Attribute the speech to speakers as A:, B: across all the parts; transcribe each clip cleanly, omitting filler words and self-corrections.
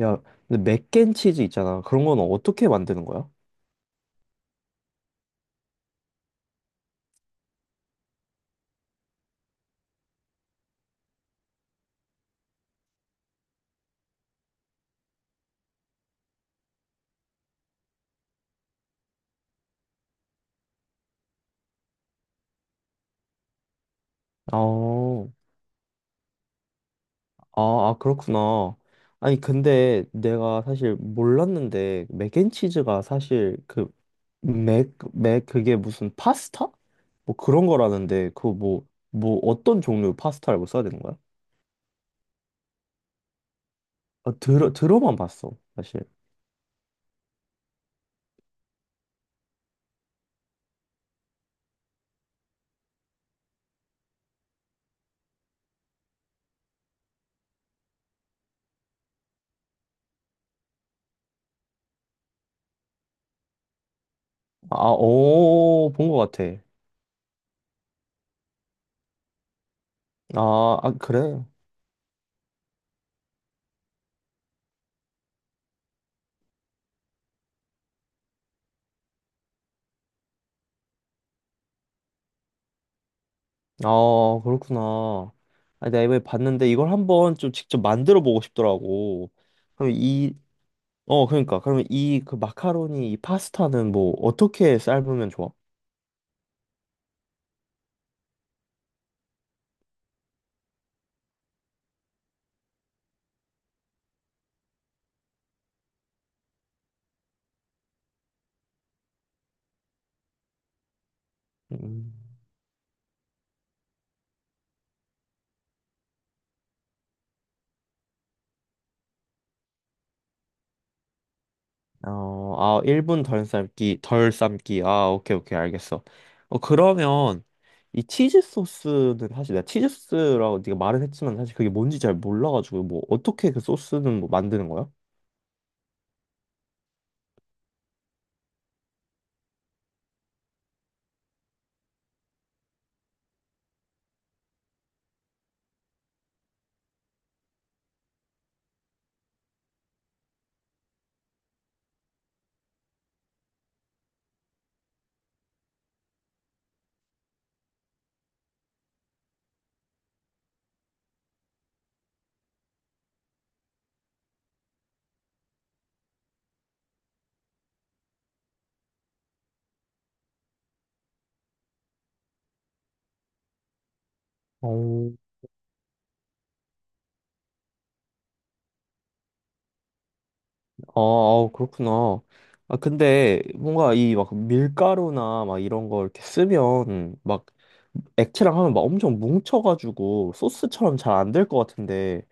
A: 야, 근데 맥앤치즈 있잖아. 그런 건 어떻게 만드는 거야? 어, 아, 아, 그렇구나. 아니, 근데 내가 사실 몰랐는데, 맥앤치즈가 사실 그, 그게 무슨 파스타? 뭐 그런 거라는데, 그 뭐, 뭐 어떤 종류 파스타라고 써야 되는 거야? 아, 들어만 봤어, 사실. 아, 오, 본 거 같아. 아, 아, 그래. 아, 그렇구나. 아니, 내가 이번에 봤는데 이걸 한번 좀 직접 만들어 보고 싶더라고. 그럼 이, 어, 그러니까. 그러면 이 그 마카로니, 이 파스타는 뭐 어떻게 삶으면 좋아? 음, 어, 아, 1분 덜 삶기, 덜 삶기. 아, 오케이, 오케이, 알겠어. 어, 그러면 이 치즈 소스는 사실 내가 치즈 소스라고 네가 말은 했지만 사실 그게 뭔지 잘 몰라가지고 뭐 어떻게 그 소스는 뭐 만드는 거야? 어. 아, 아우, 그렇구나. 아, 근데 뭔가 이 막 밀가루나 막 이런 걸 이렇게 쓰면 막 액체랑 하면 막 엄청 뭉쳐가지고 소스처럼 잘 안 될 것 같은데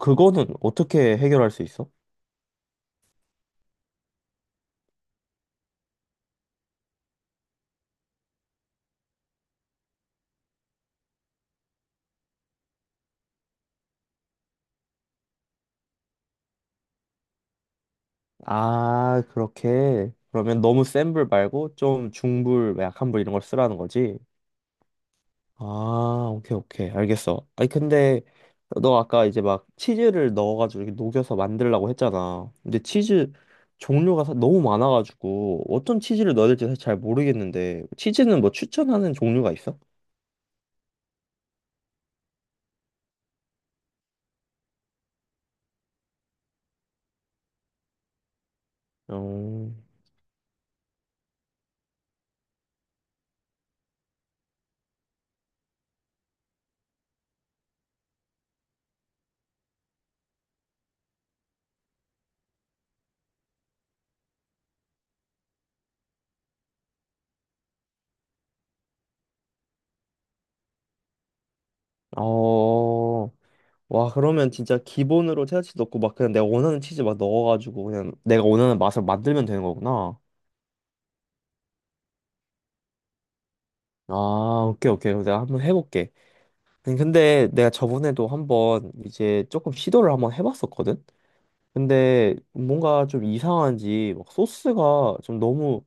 A: 그거는 어떻게 해결할 수 있어? 아, 그렇게. 그러면 너무 센 불 말고 좀 중불, 약한 불 이런 걸 쓰라는 거지? 아, 오케이, 오케이. 알겠어. 아니, 근데 너 아까 이제 막 치즈를 넣어가지고 이렇게 녹여서 만들라고 했잖아. 근데 치즈 종류가 너무 많아가지고 어떤 치즈를 넣어야 될지 사실 잘 모르겠는데 치즈는 뭐 추천하는 종류가 있어? 어, 어, 와, 그러면 진짜 기본으로 체다치 넣고 막 그냥 내가 원하는 치즈 막 넣어가지고 그냥 내가 원하는 맛을 만들면 되는 거구나. 아, 오케이, 오케이. 그럼 내가 한번 해볼게. 아니, 근데 내가 저번에도 한번 이제 조금 시도를 한번 해봤었거든? 근데 뭔가 좀 이상한지 막 소스가 좀 너무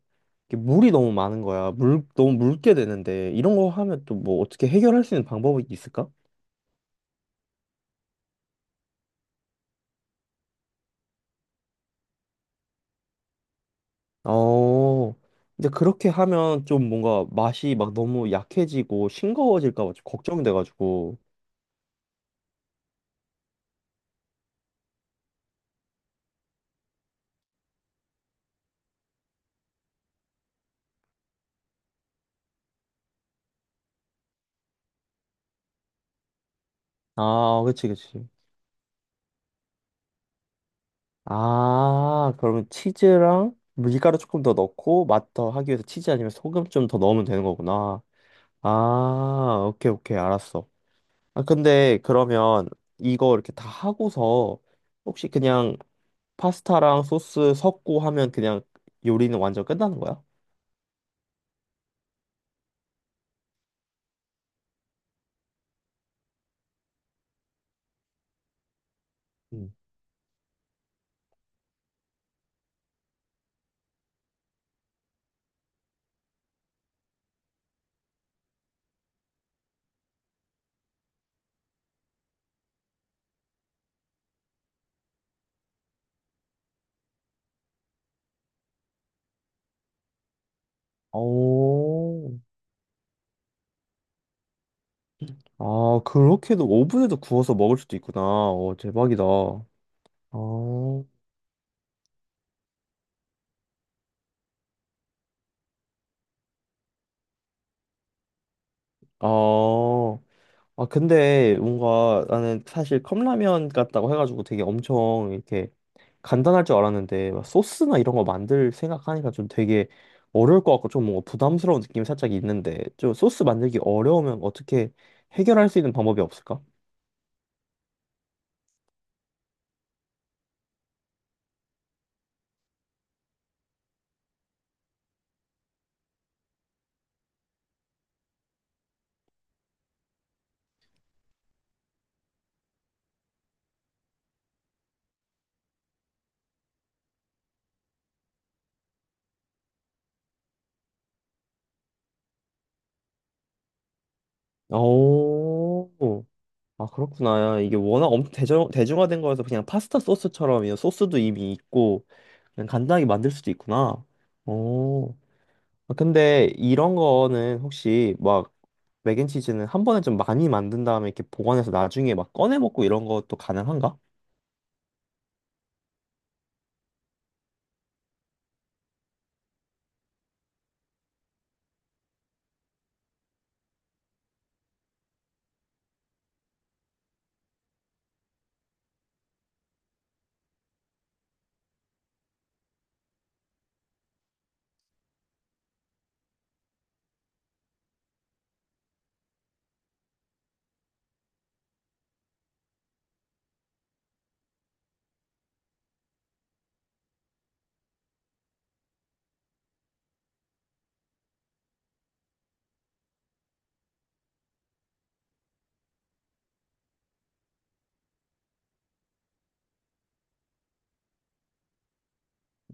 A: 이렇게 물이 너무 많은 거야. 물 너무 묽게 되는데 이런 거 하면 또 뭐 어떻게 해결할 수 있는 방법이 있을까? 어. 이제 그렇게 하면 좀 뭔가 맛이 막 너무 약해지고 싱거워질까 봐 좀 걱정돼가지고. 아, 그치, 그치. 아, 그러면 치즈랑 밀가루 조금 더 넣고 맛 더 하기 위해서 치즈 아니면 소금 좀 더 넣으면 되는 거구나. 아, 오케이, 오케이, 알았어. 아, 근데 그러면 이거 이렇게 다 하고서 혹시 그냥 파스타랑 소스 섞고 하면 그냥 요리는 완전 끝나는 거야? 음. 오, 아, 그렇게도 오븐에도 구워서 먹을 수도 있구나. 오, 대박이다. 어, 어, 아, 근데 뭔가 나는 사실 컵라면 같다고 해가지고 되게 엄청 이렇게 간단할 줄 알았는데 막 소스나 이런 거 만들 생각하니까 좀 되게 어려울 것 같고 좀 뭔가 부담스러운 느낌이 살짝 있는데 좀 소스 만들기 어려우면 어떻게 해결할 수 있는 방법이 없을까? 오, 아 그렇구나. 이게 워낙 엄청 대중화된 거여서 그냥 파스타 소스처럼 이 소스도 이미 있고 그냥 간단하게 만들 수도 있구나. 오, 아, 근데 이런 거는 혹시 막 맥앤치즈는 한 번에 좀 많이 만든 다음에 이렇게 보관해서 나중에 막 꺼내 먹고 이런 것도 가능한가?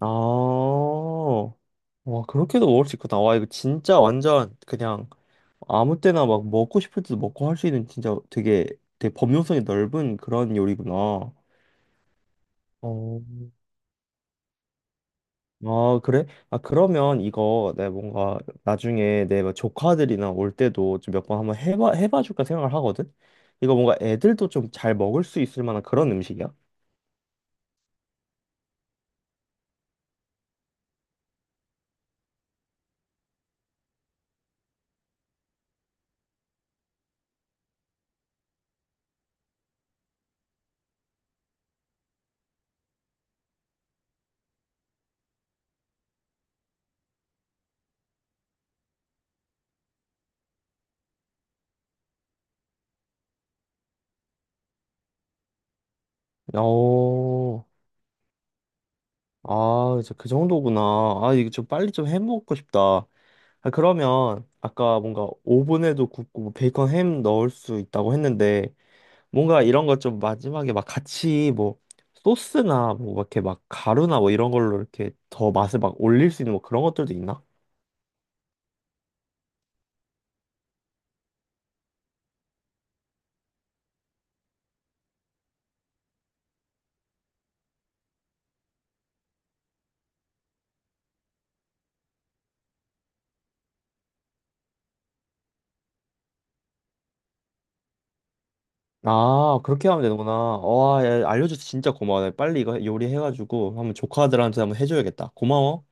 A: 아, 와, 그렇게도 먹을 수 있구나. 와, 이거 진짜 완전 그냥 아무 때나 막 먹고 싶을 때도 먹고 할 수 있는 진짜 되게 범용성이 넓은 그런 요리구나. 어, 아, 그래? 아, 그러면 이거 내가 뭔가 나중에 내 막 조카들이나 올 때도 좀 몇 번 한번 해봐 줄까 생각을 하거든? 이거 뭔가 애들도 좀 잘 먹을 수 있을 만한 그런 음식이야? 오, 아, 이제 그 정도구나. 아, 이거 좀 빨리 좀 해먹고 싶다. 아, 그러면 아까 뭔가 오븐에도 굽고 뭐 베이컨 햄 넣을 수 있다고 했는데 뭔가 이런 거 좀 마지막에 막 같이 뭐 소스나 뭐 이렇게 막 가루나 뭐 이런 걸로 이렇게 더 맛을 막 올릴 수 있는 뭐 그런 것들도 있나? 아 그렇게 하면 되는구나. 와 야, 알려줘서 진짜 고마워. 나 빨리 이거 요리해가지고 한번 조카들한테 한번 해줘야겠다. 고마워.